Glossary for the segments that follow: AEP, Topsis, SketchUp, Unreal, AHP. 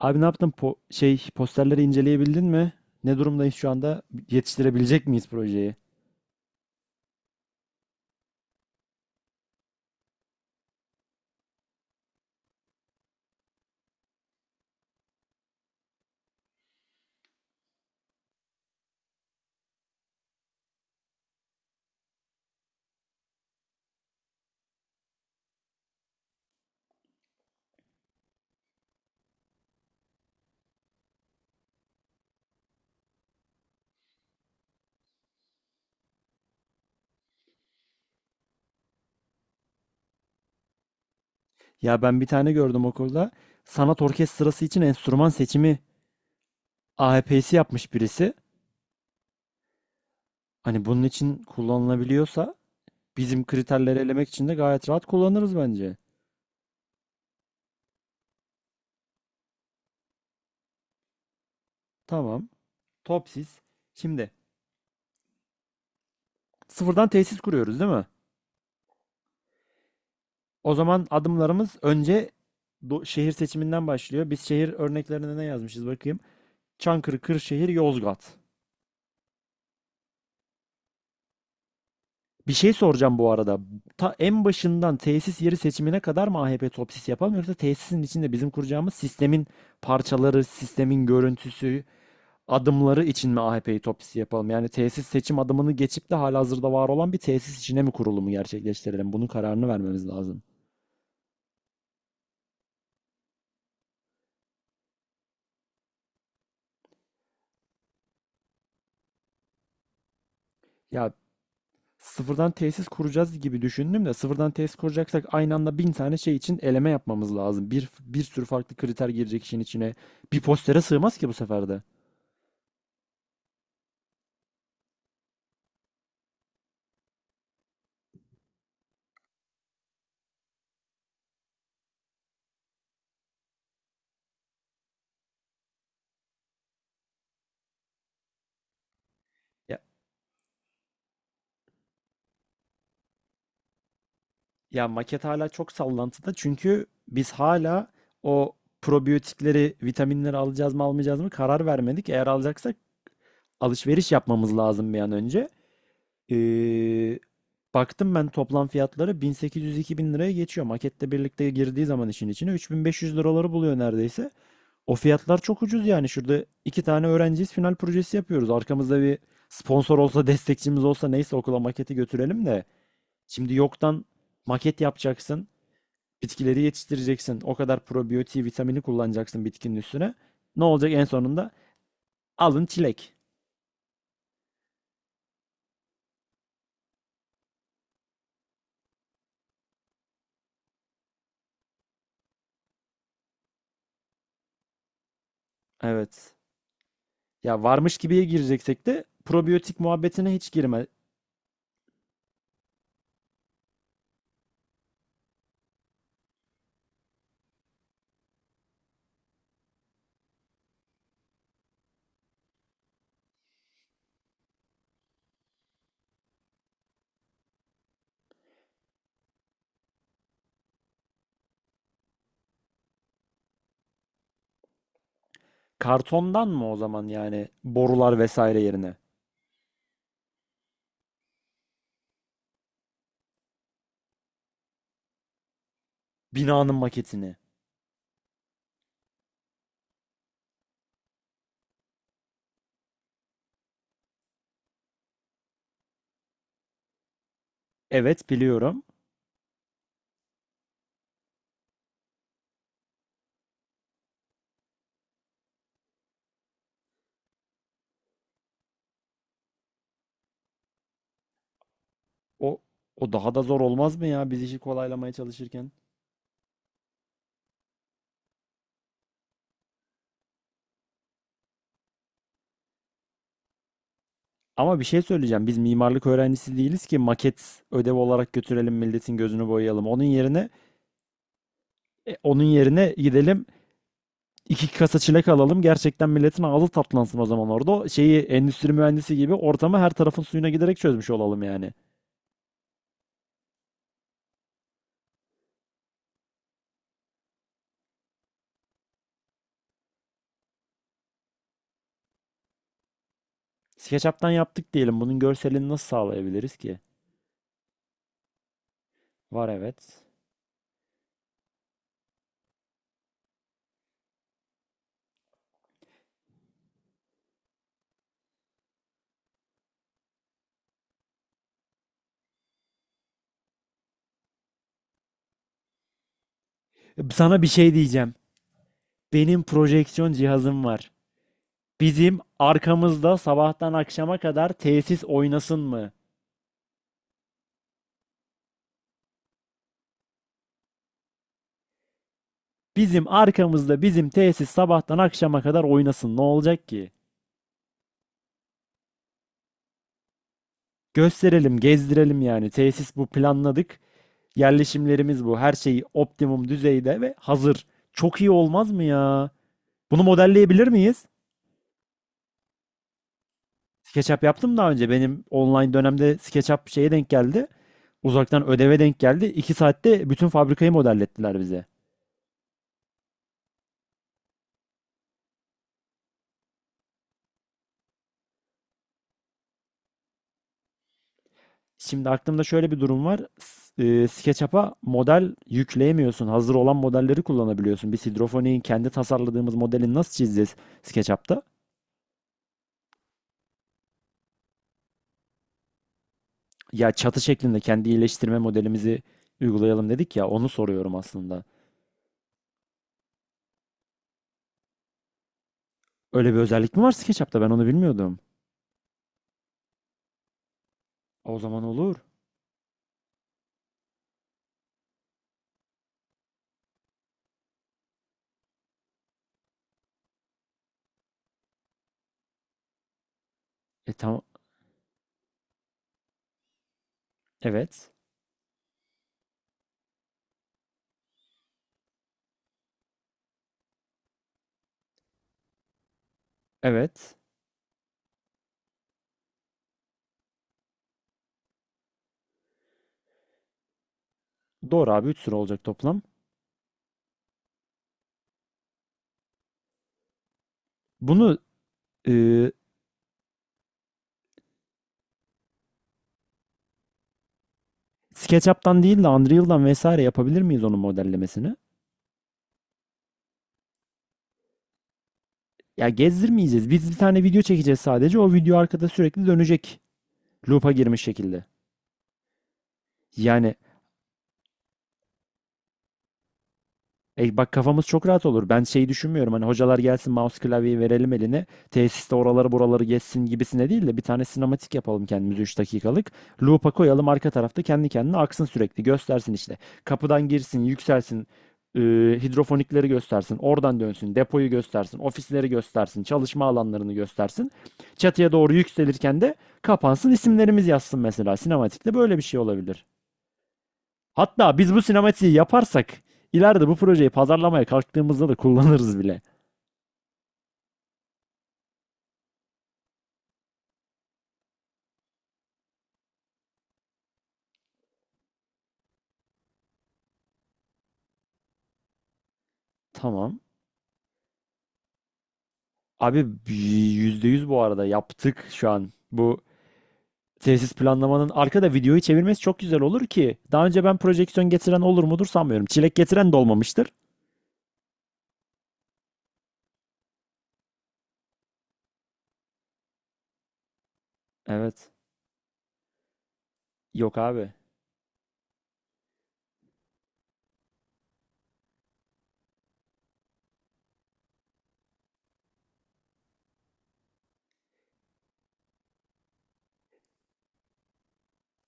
Abi ne yaptın? Posterleri inceleyebildin mi? Ne durumdayız şu anda? Yetiştirebilecek miyiz projeyi? Ya ben bir tane gördüm okulda. Sanat orkestrası için enstrüman seçimi AEP'si yapmış birisi. Hani bunun için kullanılabiliyorsa bizim kriterleri elemek için de gayet rahat kullanırız bence. Tamam. Topsis. Şimdi sıfırdan tesis kuruyoruz değil mi? O zaman adımlarımız önce şehir seçiminden başlıyor. Biz şehir örneklerine ne yazmışız bakayım. Çankırı, Kırşehir, Yozgat. Bir şey soracağım bu arada. Ta en başından tesis yeri seçimine kadar mı AHP Topsis yapalım yoksa tesisin içinde bizim kuracağımız sistemin parçaları, sistemin görüntüsü, adımları için mi AHP'yi Topsis yapalım? Yani tesis seçim adımını geçip de halihazırda var olan bir tesis içine mi kurulumu gerçekleştirelim? Bunun kararını vermemiz lazım. Ya sıfırdan tesis kuracağız gibi düşündüm de sıfırdan tesis kuracaksak aynı anda bin tane şey için eleme yapmamız lazım. Bir sürü farklı kriter girecek işin içine. Bir postere sığmaz ki bu sefer de. Ya, ya maket hala çok sallantıda çünkü biz hala o probiyotikleri, vitaminleri alacağız mı almayacağız mı karar vermedik. Eğer alacaksak alışveriş yapmamız lazım bir an önce. Ee, Baktım ben toplam fiyatları 1800-2000 liraya geçiyor. Maketle birlikte girdiği zaman işin içine 3500 liraları buluyor neredeyse. O fiyatlar çok ucuz yani. Şurada iki tane öğrenciyiz final projesi yapıyoruz. Arkamızda bir sponsor olsa destekçimiz olsa neyse okula maketi götürelim de. Şimdi yoktan maket yapacaksın. Bitkileri yetiştireceksin. O kadar probiyotiği vitamini kullanacaksın bitkinin üstüne. Ne olacak en sonunda? Alın çilek. Evet. Ya varmış gibiye gireceksek de probiyotik muhabbetine hiç girme. Kartondan mı o zaman yani borular vesaire yerine? Binanın maketini. Evet biliyorum. O o daha da zor olmaz mı ya biz işi kolaylamaya çalışırken? Ama bir şey söyleyeceğim. Biz mimarlık öğrencisi değiliz ki maket ödev olarak götürelim milletin gözünü boyayalım. Onun yerine onun yerine gidelim iki kasa çilek alalım. Gerçekten milletin ağzı tatlansın o zaman orada. Şeyi endüstri mühendisi gibi ortamı her tarafın suyuna giderek çözmüş olalım yani. SketchUp'tan yaptık diyelim. Bunun görselini nasıl sağlayabiliriz ki? Var evet. Sana bir şey diyeceğim. Benim projeksiyon cihazım var. Bizim arkamızda sabahtan akşama kadar tesis oynasın mı? Bizim arkamızda bizim tesis sabahtan akşama kadar oynasın. Ne olacak ki? Gösterelim, gezdirelim yani. Tesis bu planladık. Yerleşimlerimiz bu. Her şey optimum düzeyde ve hazır. Çok iyi olmaz mı ya? Bunu modelleyebilir miyiz? SketchUp yaptım daha önce. Benim online dönemde SketchUp şeye denk geldi. Uzaktan ödeve denk geldi. 2 saatte bütün fabrikayı modellettiler bize. Şimdi aklımda şöyle bir durum var. SketchUp'a model yükleyemiyorsun. Hazır olan modelleri kullanabiliyorsun. Biz hidrofoniğin kendi tasarladığımız modelini nasıl çizeceğiz SketchUp'ta? Ya çatı şeklinde kendi iyileştirme modelimizi uygulayalım dedik ya onu soruyorum aslında. Öyle bir özellik mi var SketchUp'ta? Ben onu bilmiyordum. O zaman olur. E tamam. Evet. Evet. Doğru abi 3 sıra olacak toplam. Bunu e, SketchUp'tan değil de Unreal'dan vesaire yapabilir miyiz onun modellemesini? Ya gezdirmeyeceğiz. Biz bir tane video çekeceğiz sadece. O video arkada sürekli dönecek. Loop'a girmiş şekilde. Yani E bak kafamız çok rahat olur. Ben şeyi düşünmüyorum. Hani hocalar gelsin mouse klavyeyi verelim eline. Tesiste oraları buraları geçsin gibisine değil de bir tane sinematik yapalım kendimize 3 dakikalık. Loop'a koyalım arka tarafta kendi kendine aksın sürekli. Göstersin işte. Kapıdan girsin, yükselsin. e, Hidrofonikleri göstersin. Oradan dönsün. Depoyu göstersin. Ofisleri göstersin. Çalışma alanlarını göstersin. Çatıya doğru yükselirken de kapansın. İsimlerimiz yazsın mesela. Sinematikte böyle bir şey olabilir. Hatta biz bu sinematiği yaparsak ileride bu projeyi pazarlamaya kalktığımızda da kullanırız bile. Tamam. Abi %100 bu arada yaptık şu an. Bu tesis planlamanın arkada videoyu çevirmesi çok güzel olur ki. Daha önce ben projeksiyon getiren olur mudur sanmıyorum. Çilek getiren de olmamıştır. Evet. Yok abi.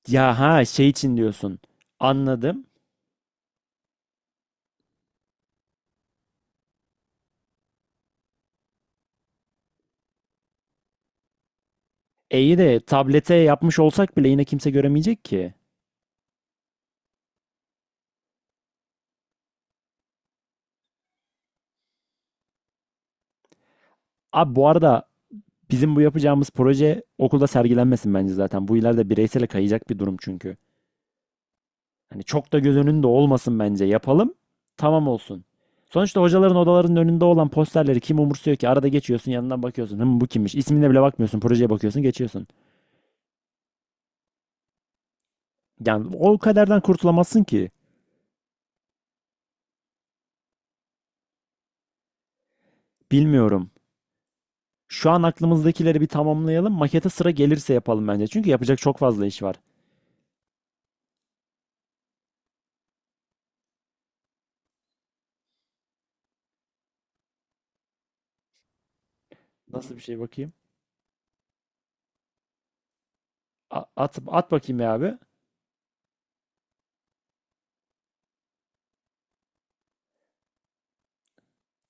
Ya ha şey için diyorsun. Anladım. İyi de tablete yapmış olsak bile yine kimse göremeyecek ki. Abi bu arada bizim bu yapacağımız proje okulda sergilenmesin bence zaten. Bu ileride bireysele kayacak bir durum çünkü. Hani çok da göz önünde olmasın bence. Yapalım, tamam olsun. Sonuçta hocaların odalarının önünde olan posterleri kim umursuyor ki? Arada geçiyorsun, yanından bakıyorsun. Hım bu kimmiş? İsmine bile bakmıyorsun, projeye bakıyorsun, geçiyorsun. Yani o kaderden kurtulamazsın ki. Bilmiyorum. Şu an aklımızdakileri bir tamamlayalım. Makete sıra gelirse yapalım bence. Çünkü yapacak çok fazla iş var. Nasıl bir şey bakayım? At, at bakayım ya abi.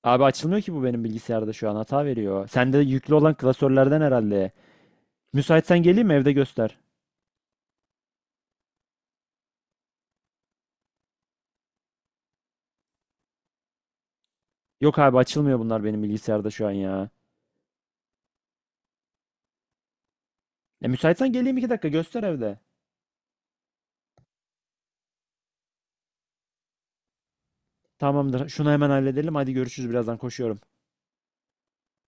Abi açılmıyor ki bu benim bilgisayarda şu an hata veriyor. Sende yüklü olan klasörlerden herhalde. Müsaitsen geleyim mi evde göster. Yok abi açılmıyor bunlar benim bilgisayarda şu an ya. Müsaitsen geleyim 2 dakika göster evde. Tamamdır. Şunu hemen halledelim. Hadi görüşürüz birazdan koşuyorum.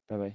Bay bay.